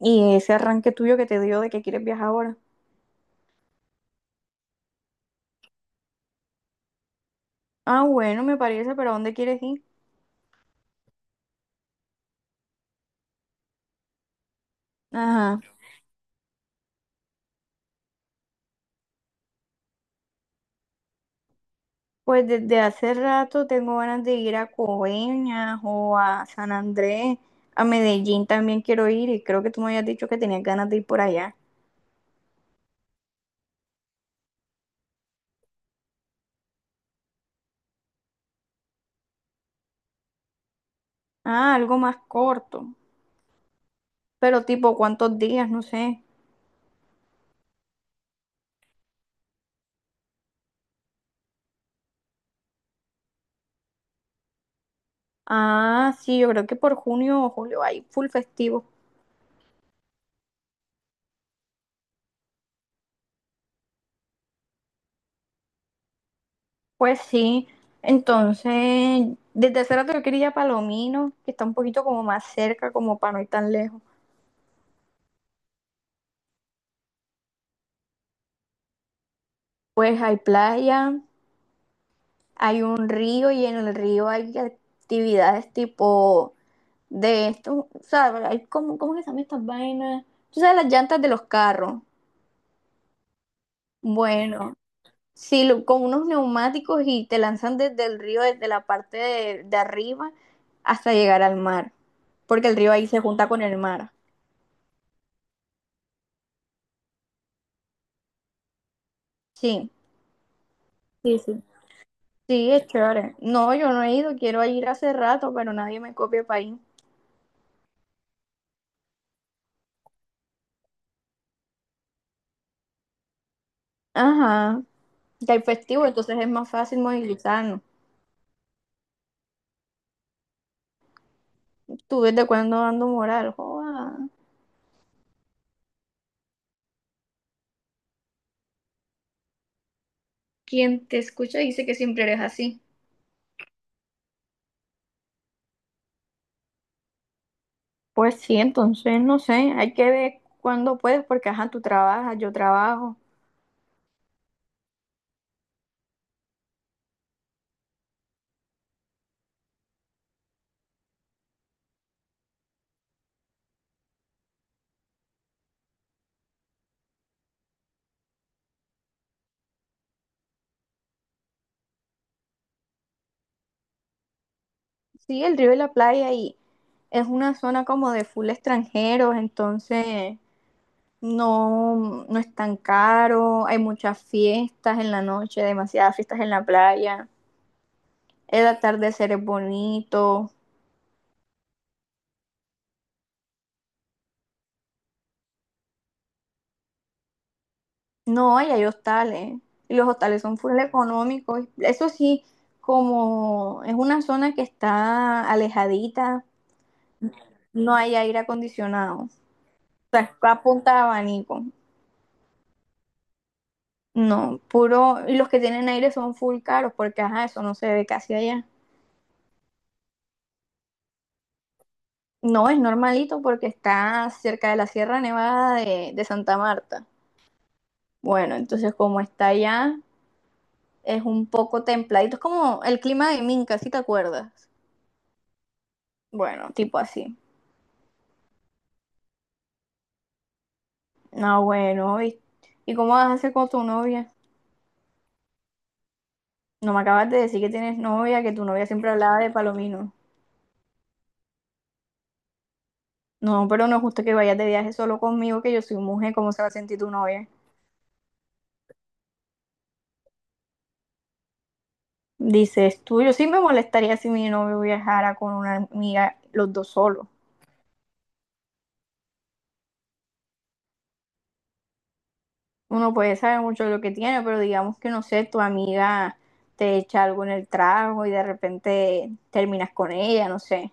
Y ese arranque tuyo que te dio de que quieres viajar ahora. Ah, bueno, me parece, pero ¿a dónde quieres ir? Ajá. Pues desde hace rato tengo ganas de ir a Coveñas o a San Andrés. A Medellín también quiero ir y creo que tú me habías dicho que tenías ganas de ir por allá. Ah, algo más corto. Pero tipo, ¿cuántos días? No sé. Ah, sí, yo creo que por junio o julio hay full festivo. Pues sí. Entonces, desde hace rato yo quería ir a Palomino, que está un poquito como más cerca, como para no ir tan lejos. Pues hay playa, hay un río y en el río hay actividades tipo de esto, o sea, hay como, ¿cómo que se llaman estas vainas? Tú sabes, las llantas de los carros. Bueno, sí, con unos neumáticos y te lanzan desde el río, desde la parte de arriba hasta llegar al mar, porque el río ahí se junta con el mar. Sí, sí, sí. Sí, es chévere. No, yo no he ido, quiero ir hace rato, pero nadie me copia para ir. Ajá. Ya hay festivo, entonces es más fácil movilizarnos. ¿Tú desde cuándo dando moral? Joda. Quien te escucha dice que siempre eres así. Pues sí, entonces no sé, hay que ver cuándo puedes, porque ajá, tú trabajas, yo trabajo. Sí, el río y la playa y es una zona como de full extranjeros, entonces no, no es tan caro, hay muchas fiestas en la noche, demasiadas fiestas en la playa, el atardecer es bonito. No, y hay hostales. Y los hostales son full económicos. Eso sí, como es una zona que está alejadita, no hay aire acondicionado. O sea, es a punta de abanico. No, puro. Y los que tienen aire son full caros porque, ajá, eso no se ve casi allá. No, es normalito porque está cerca de la Sierra Nevada de Santa Marta. Bueno, entonces como está allá, es un poco templadito. Es como el clima de Minca, si te acuerdas. Bueno, tipo así. No, bueno, ¿y cómo vas a hacer con tu novia? No me acabas de decir que tienes novia, que tu novia siempre hablaba de Palomino. No, pero no es justo que vayas de viaje solo conmigo, que yo soy mujer, ¿cómo se va a sentir tu novia? Dices tú, yo sí me molestaría si mi novio viajara con una amiga, los dos solos. Uno puede saber mucho de lo que tiene, pero digamos que no sé, tu amiga te echa algo en el trago y de repente terminas con ella, no sé.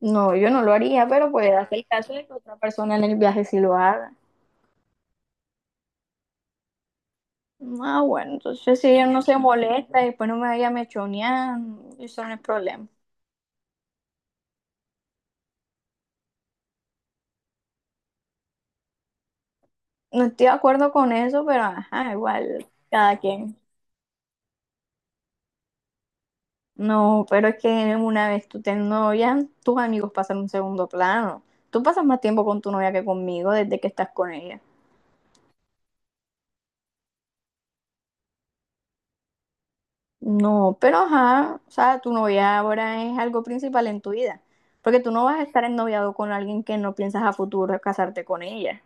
No, yo no lo haría, pero puede hacer caso de que otra persona en el viaje sí lo haga. Ah, bueno, entonces si ella no se molesta y después no me vaya a mechonear, eso no es problema. No estoy de acuerdo con eso, pero ajá, igual, cada quien. No, pero es que una vez tú te novia, tus amigos pasan un segundo plano. Tú pasas más tiempo con tu novia que conmigo desde que estás con ella. No, pero ajá, o sea, tu novia ahora es algo principal en tu vida. Porque tú no vas a estar ennoviado con alguien que no piensas a futuro casarte con ella.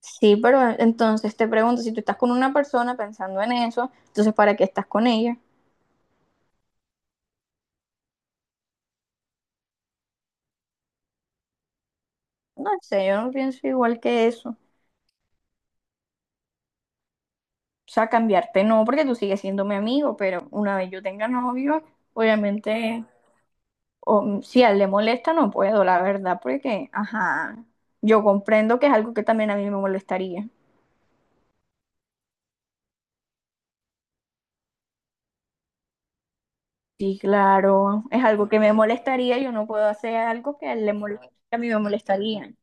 Sí, pero entonces te pregunto, si tú estás con una persona pensando en eso, entonces ¿para qué estás con ella? No sé, yo no pienso igual que eso. O sea, cambiarte no, porque tú sigues siendo mi amigo, pero una vez yo tenga novio, obviamente, o, si a él le molesta, no puedo, la verdad, porque, ajá, yo comprendo que es algo que también a mí me molestaría. Sí, claro, es algo que me molestaría, yo no puedo hacer algo que a él le moleste, a mí me molestaría.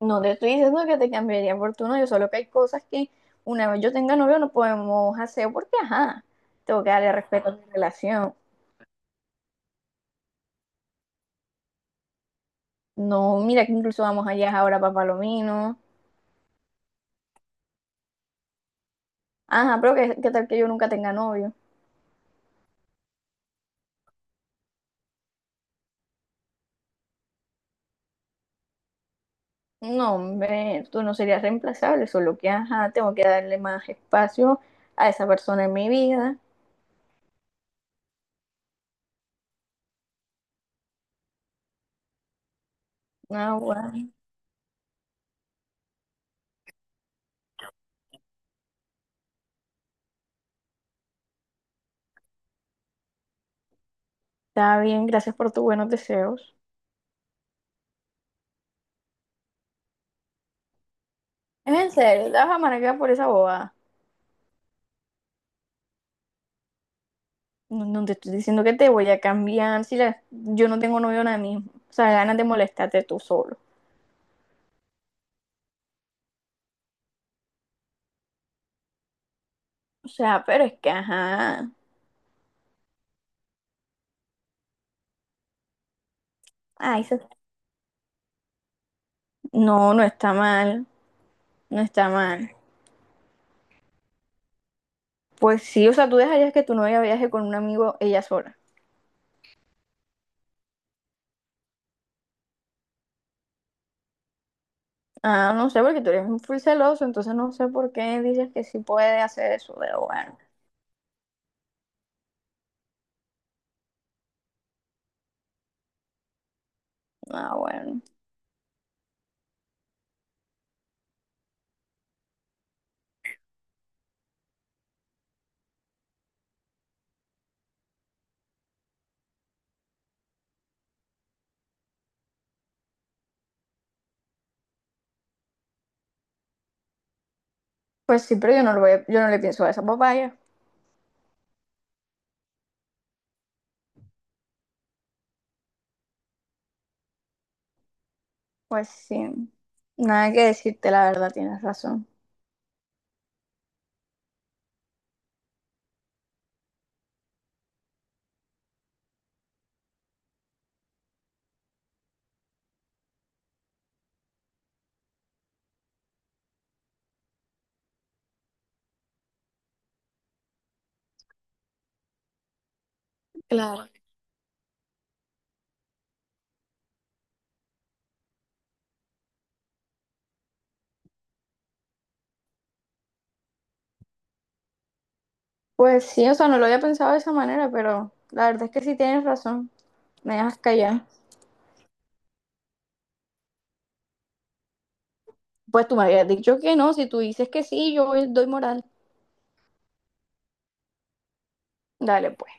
No te estoy diciendo que te cambiaría por tu novio, solo que hay cosas que una vez yo tenga novio no podemos hacer porque, ajá, tengo que darle respeto a mi relación. No, mira que incluso vamos allá ahora para Palomino. Ajá, pero ¿qué, qué tal que yo nunca tenga novio? No, hombre, tú no serías reemplazable, solo que, ajá, tengo que darle más espacio a esa persona en mi vida. Ah, bueno, está bien, gracias por tus buenos deseos. Es en serio, te vas a amargar por esa bobada. No, no te estoy diciendo que te voy a cambiar si yo no tengo novio ahora mismo. O sea, ganas de molestarte tú solo. O sea, pero es que, ajá. Ay, se- no, no está mal. No está mal. Pues sí, o sea, tú dejarías que tu novia viaje con un amigo ella sola. Ah, no sé, porque tú eres un full celoso, entonces no sé por qué dices que sí puede hacer eso, pero bueno. Ah, bueno. Pues sí, pero yo no lo voy yo no le pienso a esa papaya. Pues sí. Nada que decirte, la verdad, tienes razón. Claro. Pues sí, o sea, no lo había pensado de esa manera, pero la verdad es que sí tienes razón. Me dejas callar. Pues tú me habías dicho que no, si tú dices que sí, yo doy moral. Dale, pues.